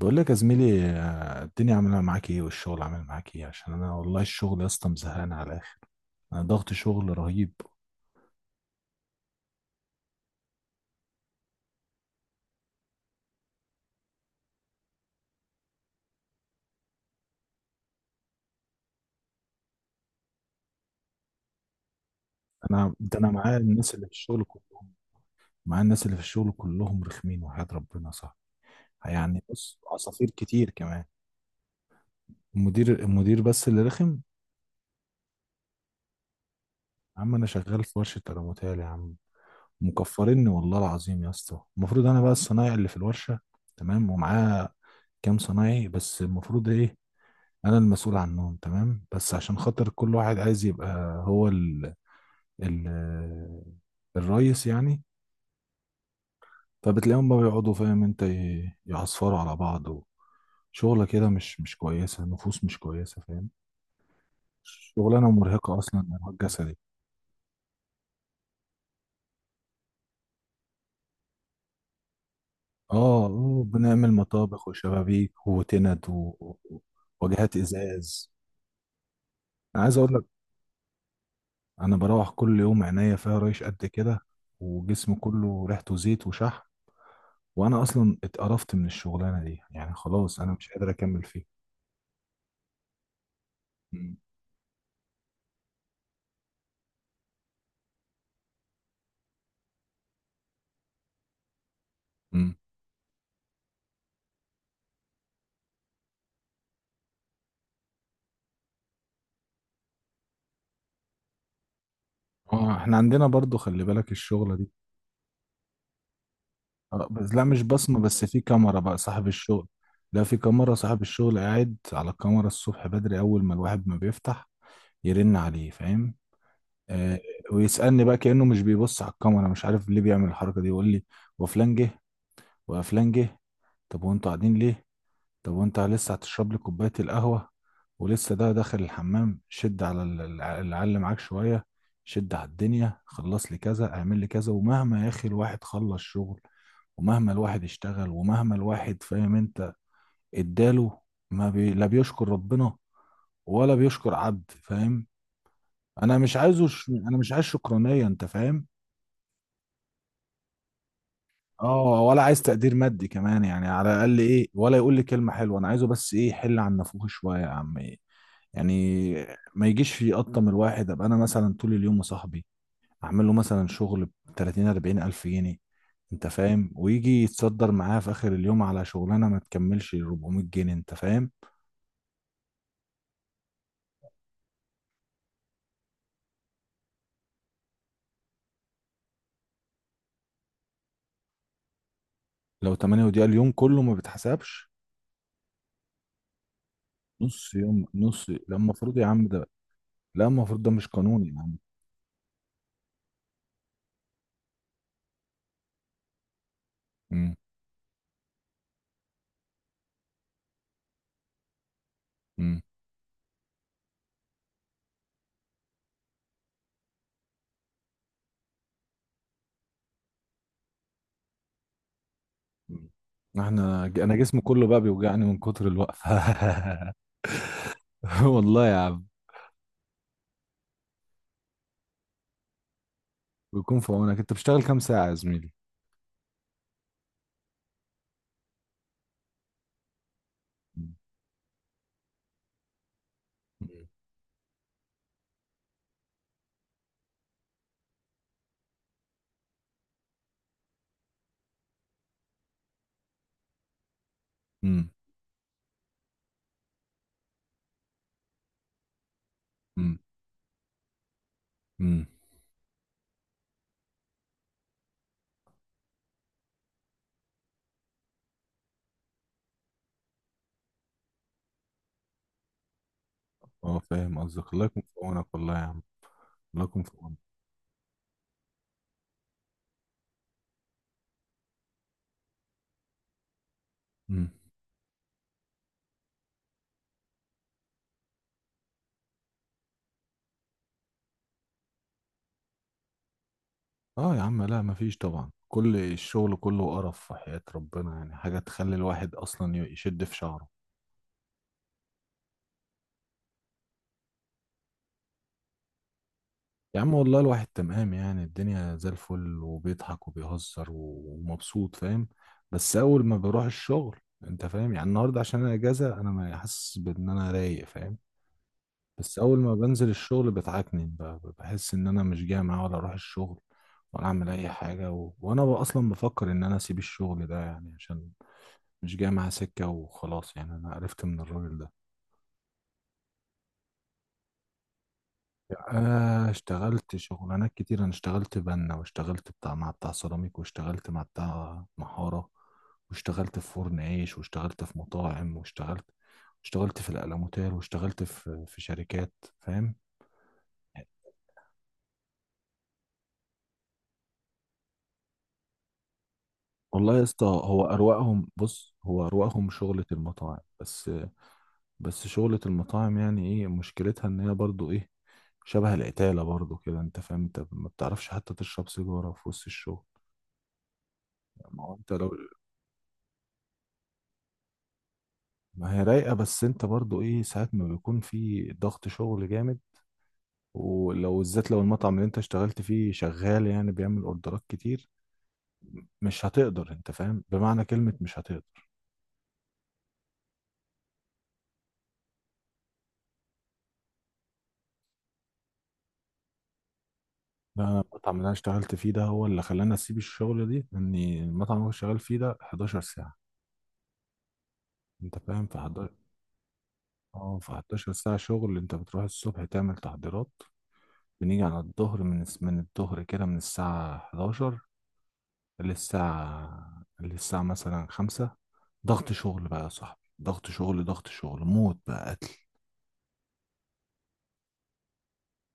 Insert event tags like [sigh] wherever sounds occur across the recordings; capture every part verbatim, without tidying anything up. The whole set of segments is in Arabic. بقول لك يا زميلي، آه، الدنيا عامله معاك ايه والشغل عامل معاك ايه، عشان انا والله الشغل يا اسطى مزهقان على الاخر. انا ضغط شغل رهيب. انا ده انا معايا الناس اللي في الشغل كلهم معايا الناس اللي في الشغل كلهم رخمين وحياة ربنا صح. يعني بص عصافير كتير كمان. المدير المدير بس اللي رخم. يا عم انا شغال في ورشه تلاموتال يا عم. مكفرني والله العظيم يا اسطى. المفروض انا بقى الصنايعي اللي في الورشه، تمام، ومعاه كام صنايعي، بس المفروض ايه؟ انا المسؤول عنهم، تمام، بس عشان خاطر كل واحد عايز يبقى هو ال ال الرئيس يعني. فبتلاقيهم بقى بيقعدوا، فاهم انت، ي- يعصفروا على بعض. وشغلة كده مش مش كويسة، نفوس مش كويسة، فاهم. شغلانة مرهقة أصلا، مرهق جسدي. اه، آه، بنعمل مطابخ وشبابيك، وتند، و- و- وواجهات إزاز. أنا عايز أقول لك، أنا بروح كل يوم عينيا فيها ريش قد كده، وجسمي كله ريحته زيت وشحم. وانا اصلا اتقرفت من الشغلانه دي يعني، خلاص انا مش قادر اكمل فيها. مم. مم. اه، احنا عندنا برضو خلي بالك الشغله دي. آه، بس لا، مش بصمه بس، في كاميرا بقى صاحب الشغل. لا، في كاميرا، صاحب الشغل قاعد على الكاميرا الصبح بدري، اول ما الواحد ما بيفتح يرن عليه، فاهم. آه. ويسالني بقى كانه مش بيبص على الكاميرا، مش عارف ليه بيعمل الحركه دي، يقول لي وفلان جه وفلان جه. طب وانتوا قاعدين ليه؟ طب وانت لسه هتشرب لي كوباية القهوة، ولسه ده داخل الحمام، شد على ال- الع- العل معاك شوية، شد على الدنيا، خلص لي كذا، اعمل لي كذا. ومهما يا اخي الواحد خلص شغل، ومهما الواحد اشتغل، ومهما الواحد، فاهم انت، اداله، ما بي... لا بيشكر ربنا ولا بيشكر عبد، فاهم. انا مش عايزه ش... انا مش عايز شكرانية، انت فاهم. اه، ولا عايز تقدير مادي كمان يعني، على الاقل ايه، ولا يقول لي كلمة حلوة. انا عايزه بس ايه، حل عن نافوخي شوية يا عم، إيه. يعني ما يجيش في قطة من الواحد. ابقى انا مثلا طول اليوم مصاحبي، اعمل له مثلا شغل ب تلاتين اربعين الف جنيه، انت فاهم، ويجي يتصدر معاه في اخر اليوم على شغلانة ما تكملش اربعميت جنيه، انت فاهم. لو تمانية دقيقة، اليوم كله ما بيتحسبش. نص يوم، نص لا المفروض يا عم ده، لا المفروض ده مش قانوني يا عم. امم. امم. احنا انا جسمي كله بقى بيوجعني من كتر الوقفة. [laughs] والله يا عم. بيكون في عونك. انت بتشتغل كام ساعة يا زميلي؟ امم. امم. اه فاهم قصدك، الله يكون في عونك، والله يا عم، الله يكون في عونك. امم. اه يا عم، لا مفيش طبعا، كل الشغل كله قرف في حياة ربنا يعني، حاجة تخلي الواحد اصلا يشد في شعره. يا عم والله الواحد تمام يعني، الدنيا زي الفل وبيضحك وبيهزر ومبسوط، فاهم، بس اول ما بروح الشغل، انت فاهم يعني، النهارده عشان انا اجازة انا ما حاسس بان انا رايق، فاهم. بس اول ما بنزل الشغل بتعكنن، ب- ب- بحس ان انا مش جامع ولا اروح الشغل ولا اعمل اي حاجه، و... وانا ب- اصلا بفكر ان انا اسيب الشغل ده، يعني عشان مش جامع سكه وخلاص يعني. انا عرفت من الراجل ده. آه، اشتغلت شغلانات كتير. انا اشتغلت بنا، واشتغلت بتاع، مع بتاع سيراميك، واشتغلت مع بتاع محاره، واشتغلت في فرن عيش، واشتغلت في مطاعم، واشتغلت اشتغلت في الألموتال، واشتغلت في في شركات، فاهم. والله يا اسطى هو اروقهم، بص، هو اروقهم شغلة المطاعم بس. بس شغلة المطاعم يعني ايه مشكلتها؟ ان هي برضو ايه، شبه القتالة برضو كده، انت فاهم، انت ما بتعرفش حتى تشرب سيجارة في وسط الشغل. يعني ما هو انت لو، ما هي رايقة بس انت برضو ايه، ساعات ما بيكون في ضغط شغل جامد، ولو بالذات لو المطعم اللي انت اشتغلت فيه شغال يعني بيعمل اوردرات كتير، مش هتقدر، انت فاهم، بمعنى كلمة مش هتقدر. لا، انا المطعم اللي انا اشتغلت فيه ده هو اللي خلاني اسيب الشغل دي. اني المطعم اللي أنا شغال فيه ده حداشر ساعة ساعه، انت فاهم، في حداشر. اه، في حداشر ساعه شغل. انت بتروح الصبح تعمل تحضيرات، بنيجي على الظهر، من الس- من الظهر كده، من الساعه حداشر للساعه للساعه مثلا خمسة. ضغط شغل بقى يا صاحبي، ضغط شغل، ضغط شغل موت بقى، قتل.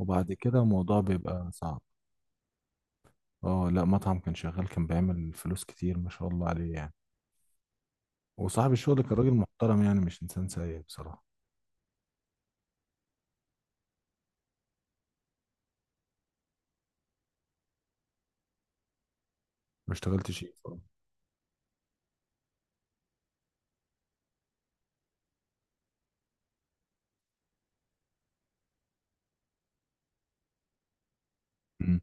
وبعد كده الموضوع بيبقى صعب. اه، لا مطعم كان شغال، كان بيعمل فلوس كتير ما شاء الله عليه يعني. وصاحب الشغل كان راجل محترم يعني، مش انسان سيء بصراحه. ما اشتغلتش ايه بصراحة. مم.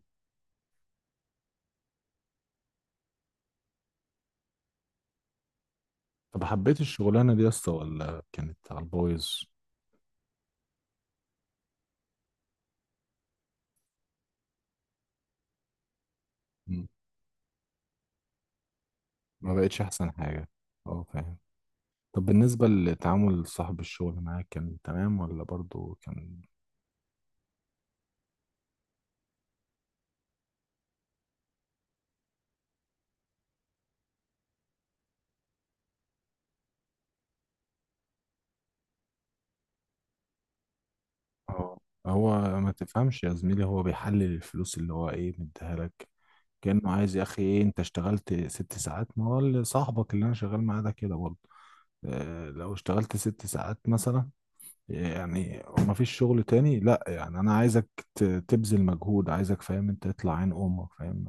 طب حبيت الشغلانة دي يا اسطى، ولا كانت على البايظ؟ مم. ما بقتش احسن حاجة. اه فاهم. طب بالنسبة لتعامل صاحب الشغل معاك، كان تمام ولا برضو كان؟ اه، هو ما تفهمش يا زميلي، هو بيحلل الفلوس اللي هو ايه، مديها لك، كأنه عايز يا اخي ايه. انت اشتغلت ست ساعات، ما هو، اللي صاحبك اللي انا شغال معاه ده كده برضه. اه، لو اشتغلت ست ساعات مثلا يعني، ما فيش شغل تاني، لا يعني انا عايزك ت- تبذل مجهود، عايزك، فاهم انت، تطلع عين امك، فاهم.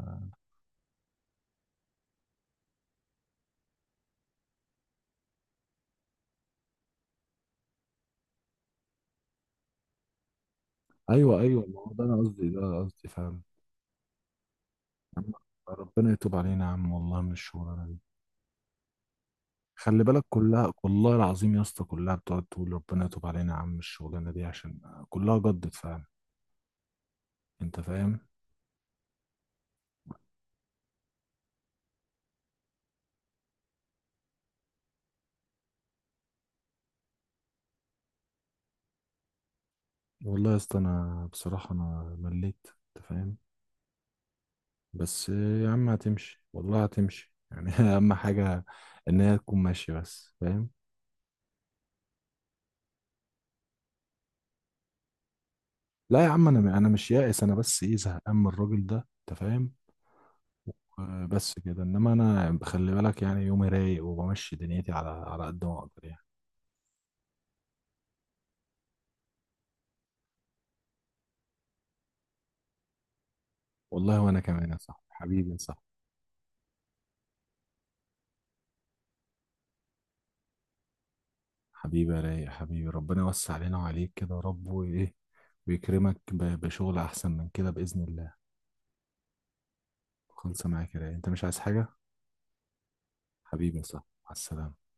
ايوه، ايوه، ما هو ده انا قصدي ده أنا قصدي، فاهم. يا عم ربنا يتوب علينا يا عم، والله من الشغلانه دي. خلي بالك كلها، والله العظيم يا اسطى، كلها بتقعد تقول ربنا يتوب علينا يا عم، الشغلانه دي، عشان كلها جدت فعلا، انت فاهم. والله يا اسطى انا بصراحه انا مليت، انت فاهم. بس يا عم هتمشي، والله هتمشي يعني، [laughs] اهم حاجه ان هي تكون ماشيه بس، فاهم. لا يا عم، انا انا مش يائس، انا بس ايه، زهقان من الراجل ده، انت فاهم. آه، بس كده، انما انا خلي بالك يعني يومي رايق، وبمشي دنيتي على على قد ما اقدر يعني. والله وانا كمان يا صاحبي، حبيبي يا صاحبي. حبيبي يا رايق، حبيبي ربنا يوسع علينا وعليك كده يا رب، وايه، ويكرمك ب- بشغل احسن من كده باذن الله. خلص معاك يا رايق، انت مش عايز حاجه؟ حبيبي يا صاحبي، مع السلامه.